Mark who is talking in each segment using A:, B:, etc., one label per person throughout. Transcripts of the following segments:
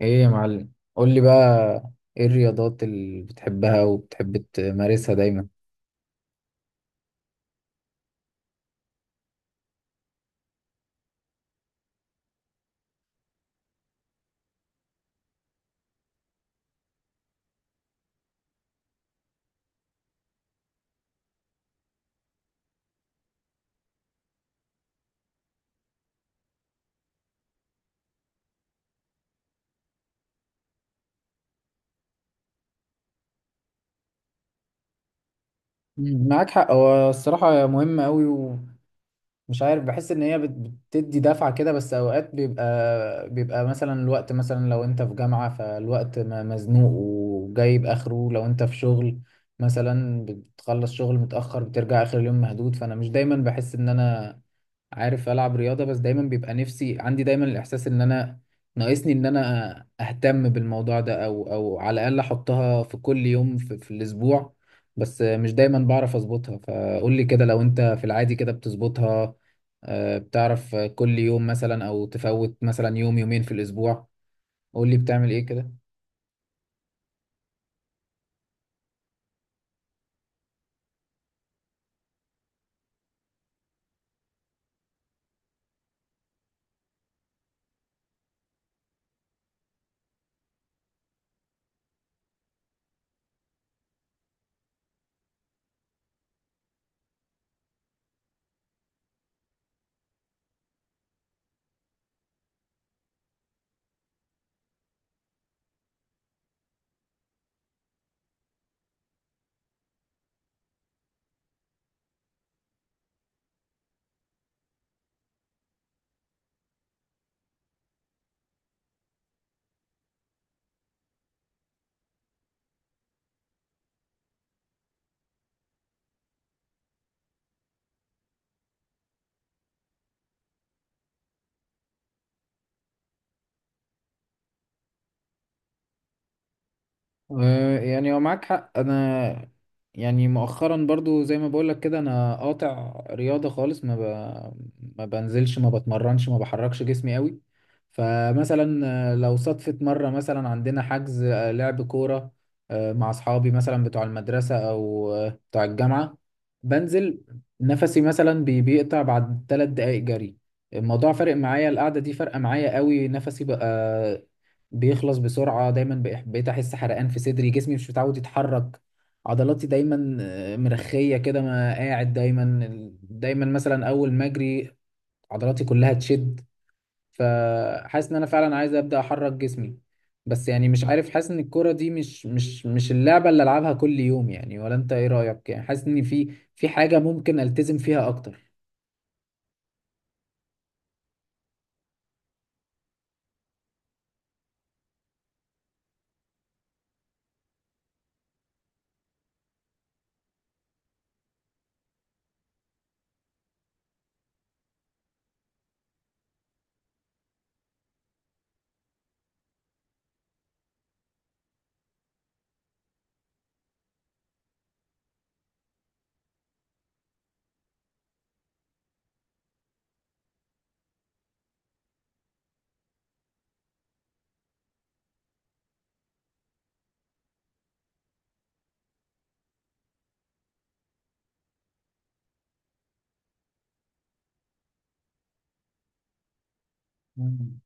A: ايه يا معلم قول لي بقى، ايه الرياضات اللي بتحبها وبتحب تمارسها دايما؟ مم، معاك حق. هو الصراحة مهمة قوي، ومش عارف، بحس ان هي بتدي دفعة كده. بس اوقات بيبقى مثلا الوقت، مثلا لو انت في جامعة فالوقت مزنوق وجايب اخره. لو انت في شغل مثلا بتخلص شغل متأخر، بترجع اخر اليوم مهدود، فانا مش دايما بحس ان انا عارف العب رياضه. بس دايما بيبقى نفسي، عندي دايما الاحساس ان انا ناقصني ان انا اهتم بالموضوع ده، او على الاقل احطها في كل يوم في الاسبوع، بس مش دايما بعرف اظبطها. فقول لي كده، لو انت في العادي كده بتظبطها؟ آه، بتعرف كل يوم مثلا؟ او تفوت مثلا يوم يومين في الاسبوع؟ قول لي بتعمل ايه كده. يعني هو معاك حق. انا يعني مؤخرا برضو زي ما بقولك كده انا قاطع رياضة خالص. ما بنزلش، ما بتمرنش، ما بحركش جسمي قوي. فمثلا لو صدفت مرة مثلا عندنا حجز، لعب كورة مع اصحابي، مثلا بتوع المدرسة او بتوع الجامعة، بنزل، نفسي مثلا بيقطع بعد ثلاث دقايق جري. الموضوع فارق معايا، القعدة دي فارقة معايا قوي. نفسي بقى بيخلص بسرعة، بقيت أحس حرقان في صدري، جسمي مش متعود يتحرك، عضلاتي دايما مرخية كده، ما قاعد دايما. دايما مثلا أول ما أجري عضلاتي كلها تشد. فحاسس إن أنا فعلا عايز أبدأ أحرك جسمي، بس يعني مش عارف، حاسس إن الكرة دي مش اللعبة اللي ألعبها كل يوم يعني. ولا أنت إيه رأيك؟ يعني حاسس إن في حاجة ممكن ألتزم فيها أكتر. مم.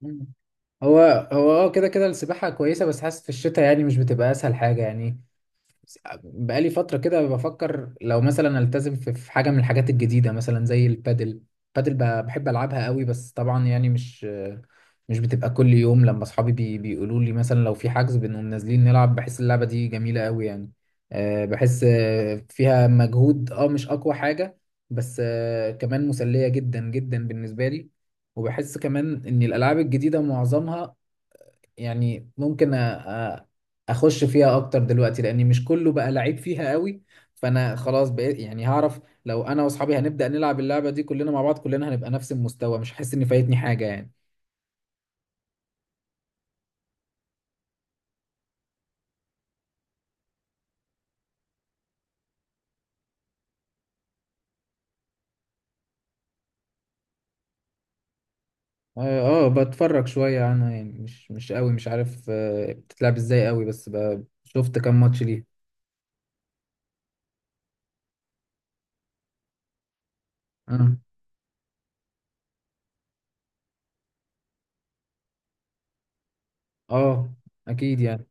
A: مم. هو هو اه، كده كده السباحة كويسة، بس حاسس في الشتاء يعني مش بتبقى أسهل حاجة يعني. بقالي فترة كده بفكر لو مثلا التزم في حاجة من الحاجات الجديدة مثلا زي البادل. بادل بحب ألعبها قوي، بس طبعا يعني مش بتبقى كل يوم. لما أصحابي بيقولوا لي مثلا لو في حجز بنقوم نازلين نلعب، بحس اللعبة دي جميلة قوي يعني. آه، بحس آه، فيها مجهود، اه مش أقوى حاجة، بس آه، كمان مسلية جدا جدا بالنسبة لي. وبحس كمان إن الألعاب الجديدة معظمها يعني ممكن أ- اخش فيها اكتر دلوقتي، لاني مش كله بقى لعيب فيها قوي. فانا خلاص بقيت يعني هعرف، لو انا واصحابي هنبدأ نلعب اللعبة دي كلنا مع بعض، كلنا هنبقى نفس المستوى، مش هحس ان فايتني حاجة يعني. اه آه، بتفرج شوية عنها يعني، مش قوي، مش عارف آه، بتتلعب ازاي قوي، بس شفت كام ماتش ليها. اه اه اكيد يعني.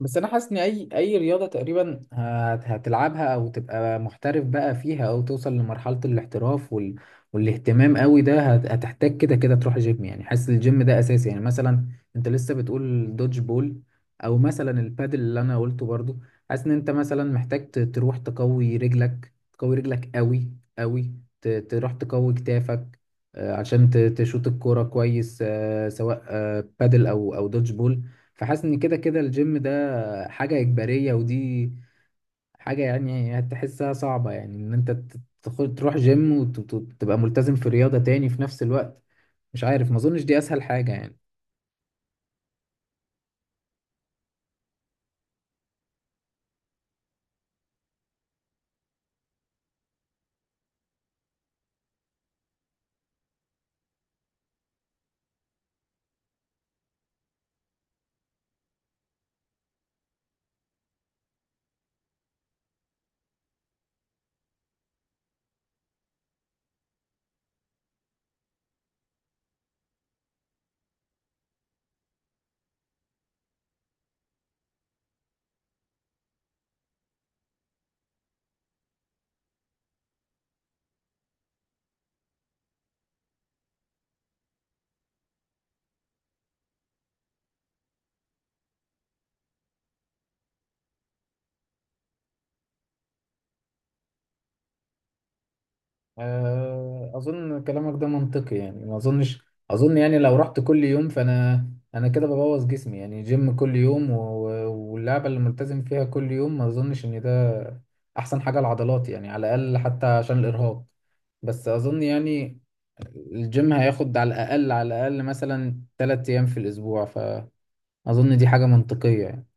A: بس انا حاسس ان اي رياضه تقريبا هتلعبها او تبقى محترف بقى فيها، او توصل لمرحله الاحتراف والاهتمام قوي ده هتحتاج كده كده تروح جيم يعني. حاسس الجيم ده اساسي يعني. مثلا انت لسه بتقول دوج بول، او مثلا البادل اللي انا قلته برضو، حاسس ان انت مثلا محتاج تروح تقوي رجلك قوي. تروح تقوي كتافك آه، عشان تشوط الكوره كويس، آه، سواء آه، بادل او دوج بول. فحاسس ان كده كده الجيم ده حاجة إجبارية، ودي حاجة يعني هتحسها صعبة، يعني إن أنت تروح جيم وتبقى ملتزم في رياضة تاني في نفس الوقت. مش عارف، ما أظنش دي أسهل حاجة يعني. آه، أظن كلامك ده منطقي يعني. ما أظنش، أظن يعني لو رحت كل يوم فأنا، أنا كده ببوظ جسمي يعني. جيم كل يوم واللعبة اللي ملتزم فيها كل يوم، ما أظنش إن ده أحسن حاجة لعضلاتي يعني، على الأقل حتى عشان الإرهاق. بس أظن يعني الجيم هياخد على الأقل، على الأقل مثلا تلات أيام في الأسبوع. فأظن دي حاجة منطقية يعني.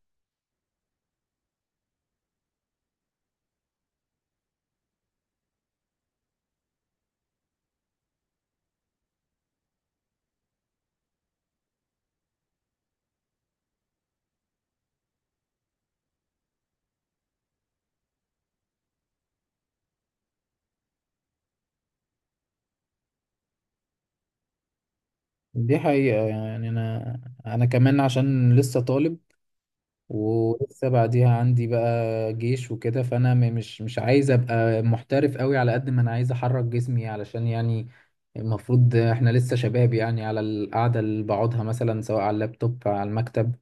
A: دي حقيقة يعني. أنا كمان عشان لسه طالب ولسه بعديها عندي بقى جيش وكده، فأنا مش مش عايز أبقى محترف قوي، على قد ما أنا عايز أحرك جسمي علشان يعني المفروض إحنا لسه شباب يعني. على القعدة اللي بقعدها مثلا سواء على اللابتوب أو على المكتب،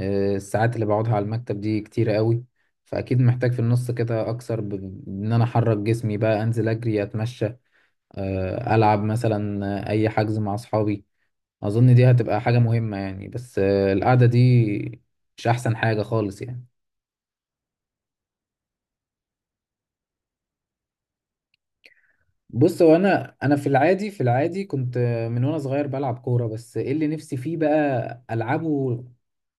A: آه، الساعات اللي بقعدها على المكتب دي كتيرة قوي. فأكيد محتاج في النص كده أكثر بإن أنا أحرك جسمي بقى، أنزل أجري، أتمشى، آه، ألعب مثلا آه، أي حجز مع أصحابي. أظن دي هتبقى حاجة مهمة يعني. بس آه، القعدة دي مش أحسن حاجة خالص يعني. بص، هو أنا في العادي كنت آه، من وأنا صغير بلعب كورة. بس إيه اللي نفسي فيه بقى ألعبه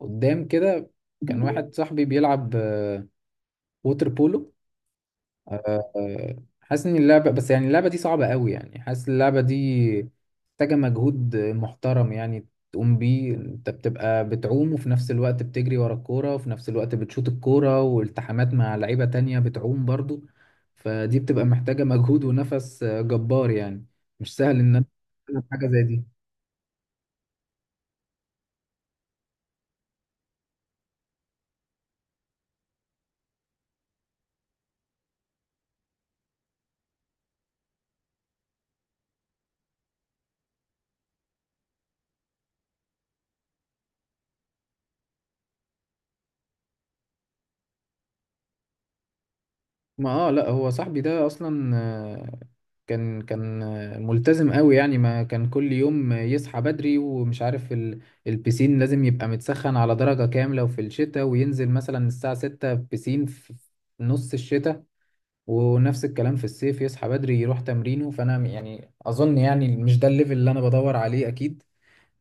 A: قدام كده؟ كان واحد صاحبي بيلعب آه، ووتر بولو. آه، آه، حاسس ان اللعبه، بس يعني اللعبه دي صعبه قوي يعني. حاسس اللعبه دي محتاجه مجهود محترم يعني تقوم بيه. انت بتبقى بتعوم، وفي نفس الوقت بتجري ورا الكوره، وفي نفس الوقت بتشوط الكوره، والتحامات مع لعيبه تانية بتعوم برضو. فدي بتبقى محتاجه مجهود ونفس آه، جبار يعني. مش سهل ان انا أعمل حاجه زي دي. ما اه، لا هو صاحبي ده اصلا آه، كان آه، ملتزم قوي يعني. ما كان كل يوم يصحى بدري، ومش عارف البسين لازم يبقى متسخن على درجة كاملة وفي الشتاء، وينزل مثلا الساعة 6 بسين في نص الشتاء. ونفس الكلام في الصيف، يصحى بدري يروح تمرينه. فانا يعني اظن يعني مش ده الليفل اللي انا بدور عليه اكيد.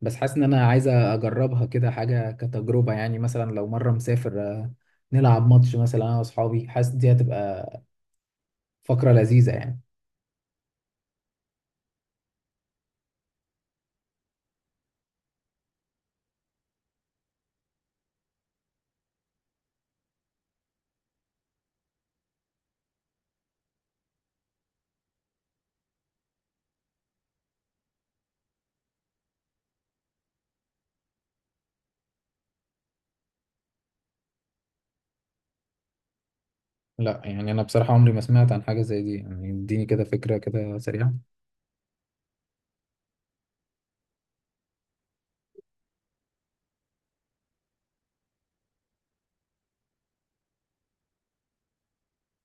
A: بس حاسس ان انا عايز اجربها كده حاجة كتجربة يعني. مثلا لو مرة مسافر، آه، نلعب ماتش مثلا انا واصحابي، حاسس دي هتبقى فقرة لذيذة يعني. لا يعني، أنا بصراحة عمري ما سمعت عن حاجة زي دي يعني. اديني كده فكرة كده سريعة.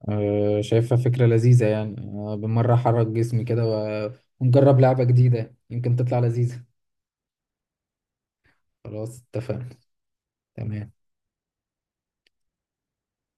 A: أه، شايفها فكرة لذيذة يعني. أه بالمرة أحرك جسمي كده ونجرب لعبة جديدة يمكن تطلع لذيذة. خلاص، اتفقنا. تمام.